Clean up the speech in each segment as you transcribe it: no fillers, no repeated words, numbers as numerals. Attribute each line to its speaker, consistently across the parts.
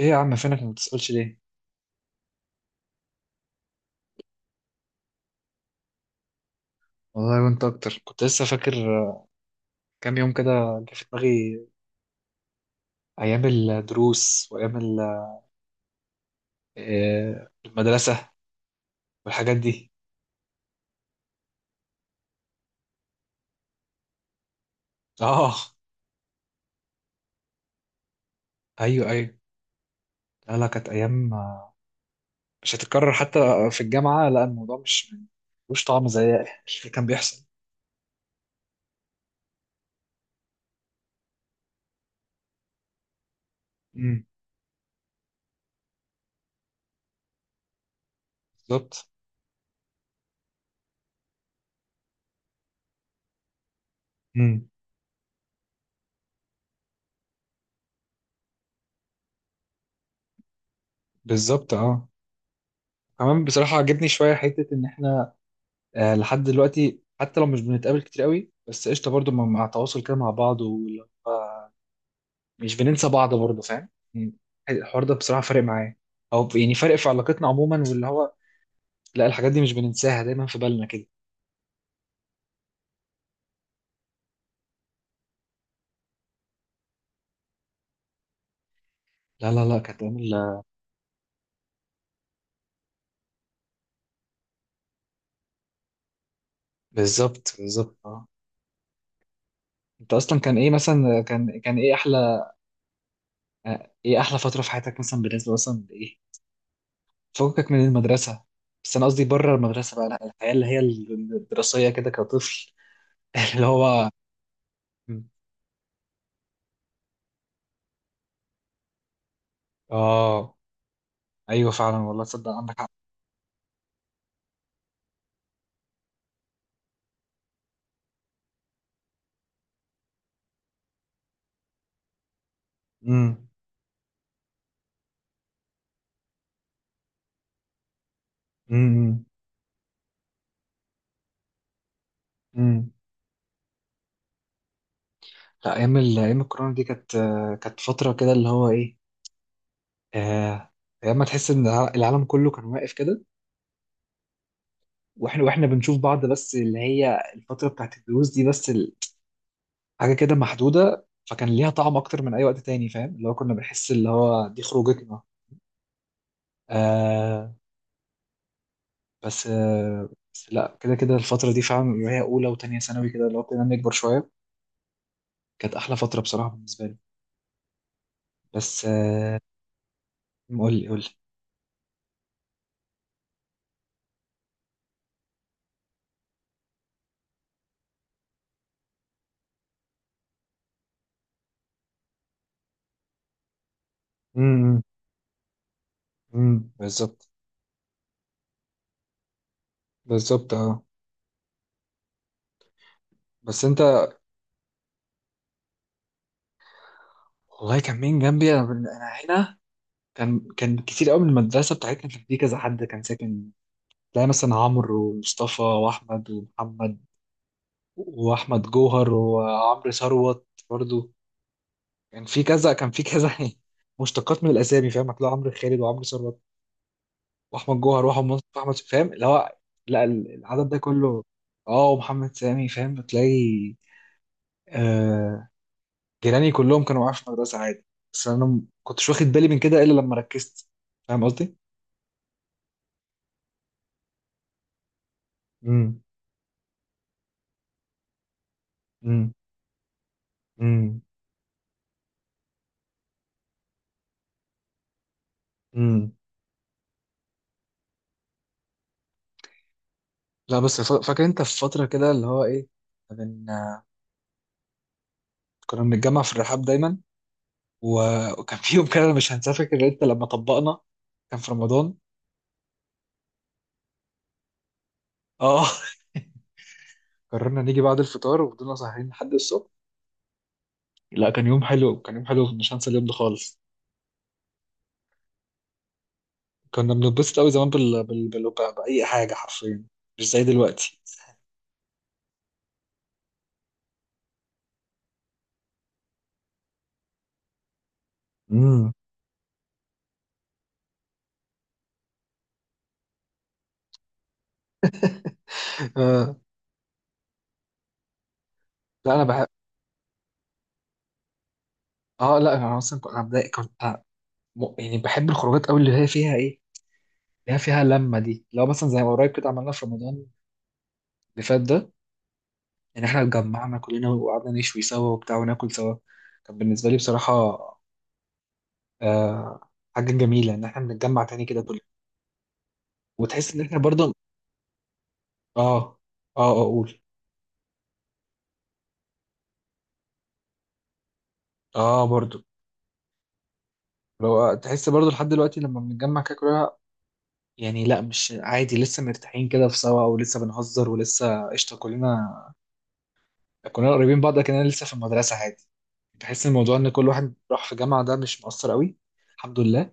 Speaker 1: ايه يا عم، فينك؟ ما بتسألش ليه؟ والله وانت اكتر، كنت لسه فاكر. آه، كام يوم كده جه في دماغي. ايام الدروس وايام المدرسة والحاجات دي. اه، ايوه ايوه. لا كانت ايام، مش هتتكرر حتى. في الجامعة لا، الموضوع مش ملوش طعم زي اللي كان بيحصل. امم، بالظبط. امم، بالظبط اه. كمان بصراحة عجبني شوية حتة ان احنا، لحد دلوقتي حتى لو مش بنتقابل كتير قوي، بس قشطة برضو مع التواصل كده مع بعض. مش بننسى بعض برضه، فاهم يعني. الحوار ده بصراحة فارق معايا، او يعني فارق في علاقتنا عموما. واللي هو لا، الحاجات دي مش بننساها، دايما في بالنا كده. لا كانت بالظبط بالظبط اه. انت اصلا كان ايه مثلا، كان ايه احلى، ايه احلى فترة في حياتك مثلا، بالنسبة مثلا لايه؟ فكك من المدرسة. بس انا قصدي بره المدرسة بقى، لا الحياة اللي هي الدراسية كده كطفل. اللي هو اه، ايوه فعلا والله، تصدق عندك حق. امم. امم. لا، ايام الكورونا دي كانت، كانت فتره كده اللي هو ايه، آه، ايام ما تحس ان العالم كله كان واقف كده، واحنا بنشوف بعض. بس اللي هي الفتره بتاعت الدروس دي بس، حاجه كده محدوده، فكان ليها طعم اكتر من اي وقت تاني، فاهم؟ اللي هو كنا بنحس اللي هو دي خروجتنا. آه. بس آه، بس لا، كده كده الفتره دي فعلا اللي هي اولى وتانية ثانوي كده اللي هو كنا بنكبر شويه، كانت احلى فتره بصراحه بالنسبه لي. بس آه، قول لي قول لي. امم. بالظبط. بالظبط اه. بس انت، والله كان مين جنبي انا، أنا هنا كان، كتير قوي من المدرسه بتاعتنا، كان في كذا حد كان ساكن. تلاقي مثلا عمرو ومصطفى واحمد ومحمد، واحمد جوهر وعمرو ثروت برضو. كان في كذا مشتقات من الاسامي، فاهم؟ هتلاقي عمرو خالد وعمرو ثروت، واحمد جوهر واحمد مصطفى واحمد، فاهم اللي هو لا العدد ده كله. اه، ومحمد سامي، فاهم بتلاقي. آه، جيراني كلهم كانوا معايا في المدرسه عادي، بس انا كنتش واخد بالي من كده الا لما ركزت، فاهم قصدي. امم امم امم. امم. لا بس، فاكر انت في فتره كده اللي هو ايه، من كنا بنتجمع في الرحاب دايما. و- وكان في يوم كده أنا مش هنساه، فاكر انت لما طبقنا، كان في رمضان. اه. قررنا نيجي بعد الفطار، وفضلنا سهرين لحد الصبح. لا كان يوم حلو، كان يوم حلو، مش هنسى اليوم ده خالص. كنا بنتبسط قوي زمان بأي حاجه حرفيا، مش زي دلوقتي. امم. آه. لا انا بحب، اه لا انا اصلا كنت، انا بداية كنت أنا م- يعني بحب الخروجات قوي، اللي هي فيها ايه، ليها فيها لمة دي. لو مثلا زي ما قريب كده عملنا في رمضان اللي فات ده، يعني احنا اتجمعنا كلنا وقعدنا نشوي سوا وبتاع، وناكل سوا. كان بالنسبة لي بصراحة، آه حاجة جميلة ان احنا بنتجمع تاني كده كلنا، وتحس ان احنا برضه. اه اه. اه اقول، اه برضه لو تحس برضه لحد دلوقتي لما بنتجمع كده كلنا، يعني لا مش عادي، لسه مرتاحين كده في سوا، ولسه بنهزر، ولسه قشطة كلنا، كلنا قريبين بعض كأننا لسه في المدرسة عادي. بحس إن الموضوع ان كل واحد راح في جامعة ده مش مؤثر قوي، الحمد لله.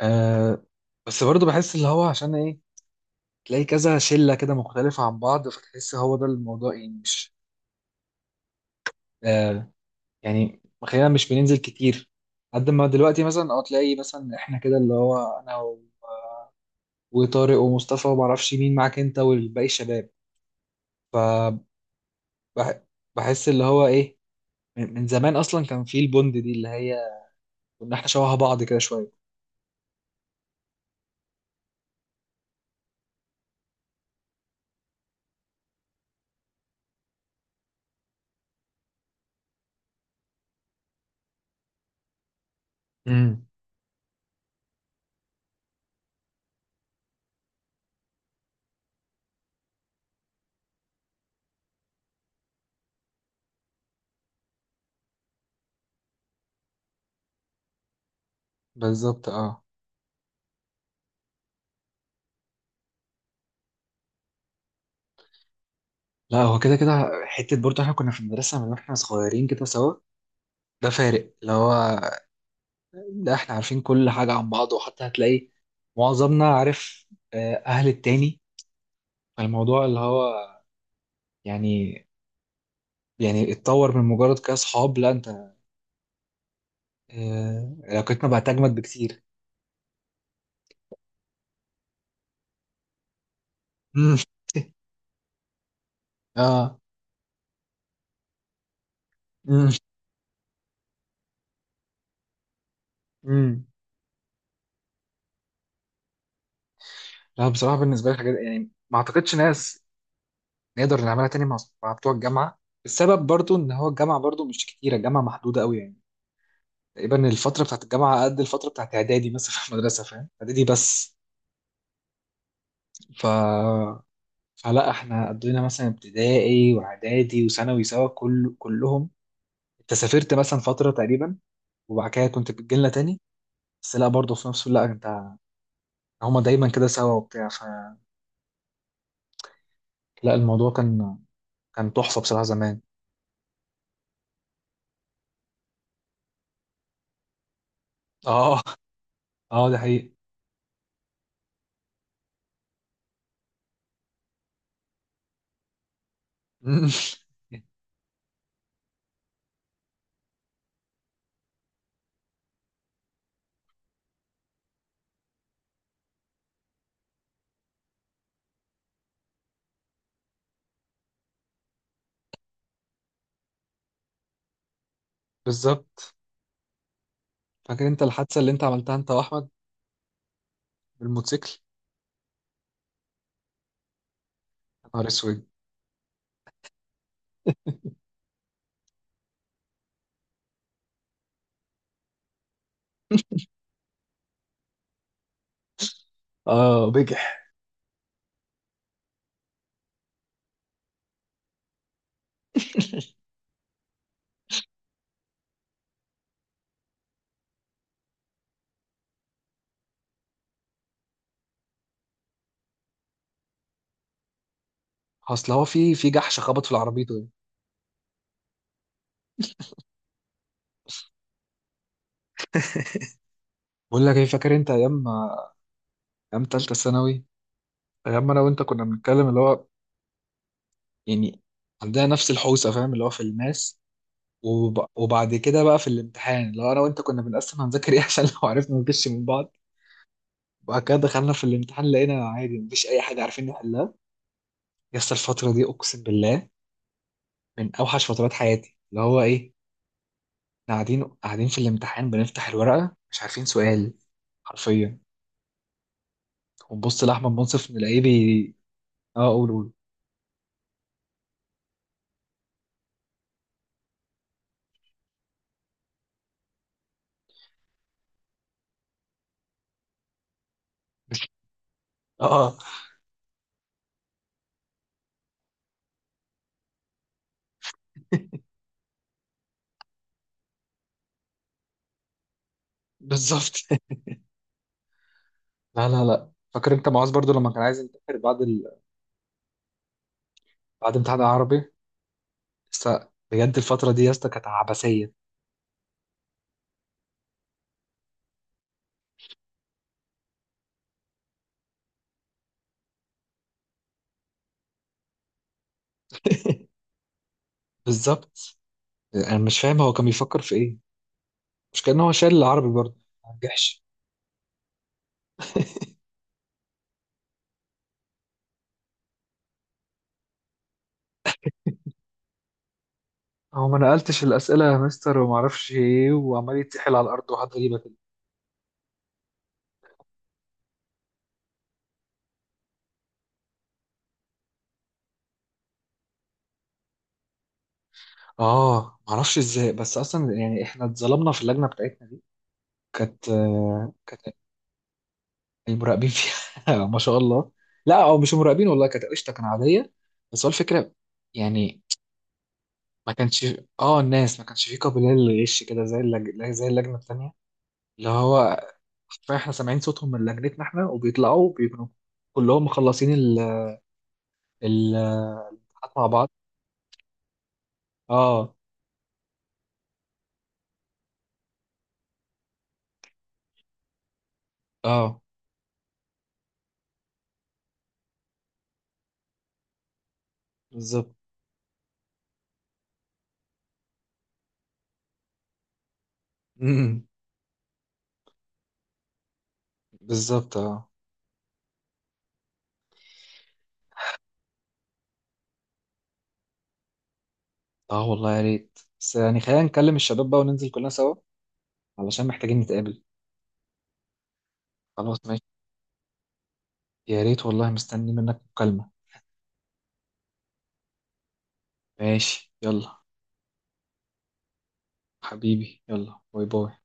Speaker 1: آه. بس برضه بحس اللي هو عشان ايه، تلاقي كذا شله كده مختلفه عن بعض، فتحس هو ده الموضوع يعني مش، آه يعني خلينا مش بننزل كتير، قد ما دلوقتي مثلا اه، تلاقي مثلا احنا كده اللي هو انا وطارق ومصطفى، وما اعرفش مين معاك انت والباقي الشباب. فبحس اللي هو ايه، من زمان اصلا كان في البوند دي اللي هي كنا احنا شبه بعض كده شويه. امم، بالظبط اه. لا هو كده كده حته، برضه احنا كنا في المدرسه من واحنا صغيرين كده سوا، ده فارق اللي هو لا، احنا عارفين كل حاجة عن بعض. وحتى هتلاقي معظمنا عارف، أهل التاني. فالموضوع اللي هو يعني، يعني اتطور من مجرد كأصحاب، لا انت، علاقتنا بقت أجمد بكتير. مم. اه. مم. مم. لا بصراحة بالنسبة لي حاجات، يعني ما اعتقدش ناس نقدر نعملها تاني مع بتوع الجامعة. السبب برضو ان هو الجامعة برضو مش كتيرة، الجامعة محدودة قوي يعني. تقريبا الفترة بتاعت الجامعة قد الفترة بتاعت اعدادي مثلا في المدرسة، فاهم؟ اعدادي بس. ف... فلا احنا قضينا مثلا ابتدائي واعدادي وثانوي سوا، كلهم. انت سافرت مثلا فتره تقريبا، وبعد كده كنت بتجيلنا تاني. بس لا برضه في نفس، لا انت، هما دايما كده سوا وبتاع. فلا، الموضوع كان، كان تحفه بصراحه زمان. اه. اه ده حقيقي. بالظبط. فاكر انت الحادثه اللي انت عملتها انت واحمد بالموتوسيكل؟ يا نهار اسود. اه بجح. اصل هو في جحش خبط في العربيته. بقول لك ايه، فاكر انت ايام، ايام تالتة ثانوي، ايام ما انا وانت كنا بنتكلم اللي هو يعني عندنا نفس الحوسه، فاهم؟ اللي هو في الماس، وب... وبعد كده بقى في الامتحان اللي هو انا وانت كنا بنقسم هنذاكر ايه، عشان لو عرفنا نغش من بعض. وبعد كده دخلنا في الامتحان لقينا عادي مفيش اي حاجه عارفين نحلها. الفتره دي اقسم بالله من اوحش فترات حياتي، اللي هو ايه، احنا قاعدين في الامتحان، بنفتح الورقه مش عارفين سؤال حرفيا، ونبص لاحمد منصف نلاقيه بي. اه قول قول. اه آه. بالظبط. لا فاكر انت معاذ برضو لما كان عايز ينتحر بعد بعد امتحان العربي؟ بس بجد الفترة دي يا اسطى كانت عبثية. بالظبط. انا مش فاهم هو كان بيفكر في ايه، مش كان هو شايل العربي برضه، ما نجحش؟ هو ما نقلتش الاسئله يا مستر وما اعرفش ايه، وعمال يتسحل على الارض وحاجات غريبه كده. اه ما اعرفش ازاي، بس اصلا يعني احنا اتظلمنا في اللجنه بتاعتنا دي، كانت، كانت المراقبين فيها ما شاء الله. لا او مش مراقبين، والله كانت قشطه، كانت عاديه. بس هو الفكره يعني ما كانش، اه الناس ما كانش فيه قابلية للغش كده، زي زي اللجنة التانية اللي هو حرفيا احنا سامعين صوتهم من لجنتنا احنا، وبيطلعوا بيكونوا كلهم مخلصين ال الامتحانات مع بعض. اه. اه بالظبط. أمم، بالظبط. اه. اه والله يا ريت، بس يعني خلينا نكلم الشباب بقى وننزل كلنا سوا، علشان محتاجين نتقابل. خلاص ماشي. يا ريت والله، مستني منك مكالمة. ماشي يلا، حبيبي يلا، باي باي.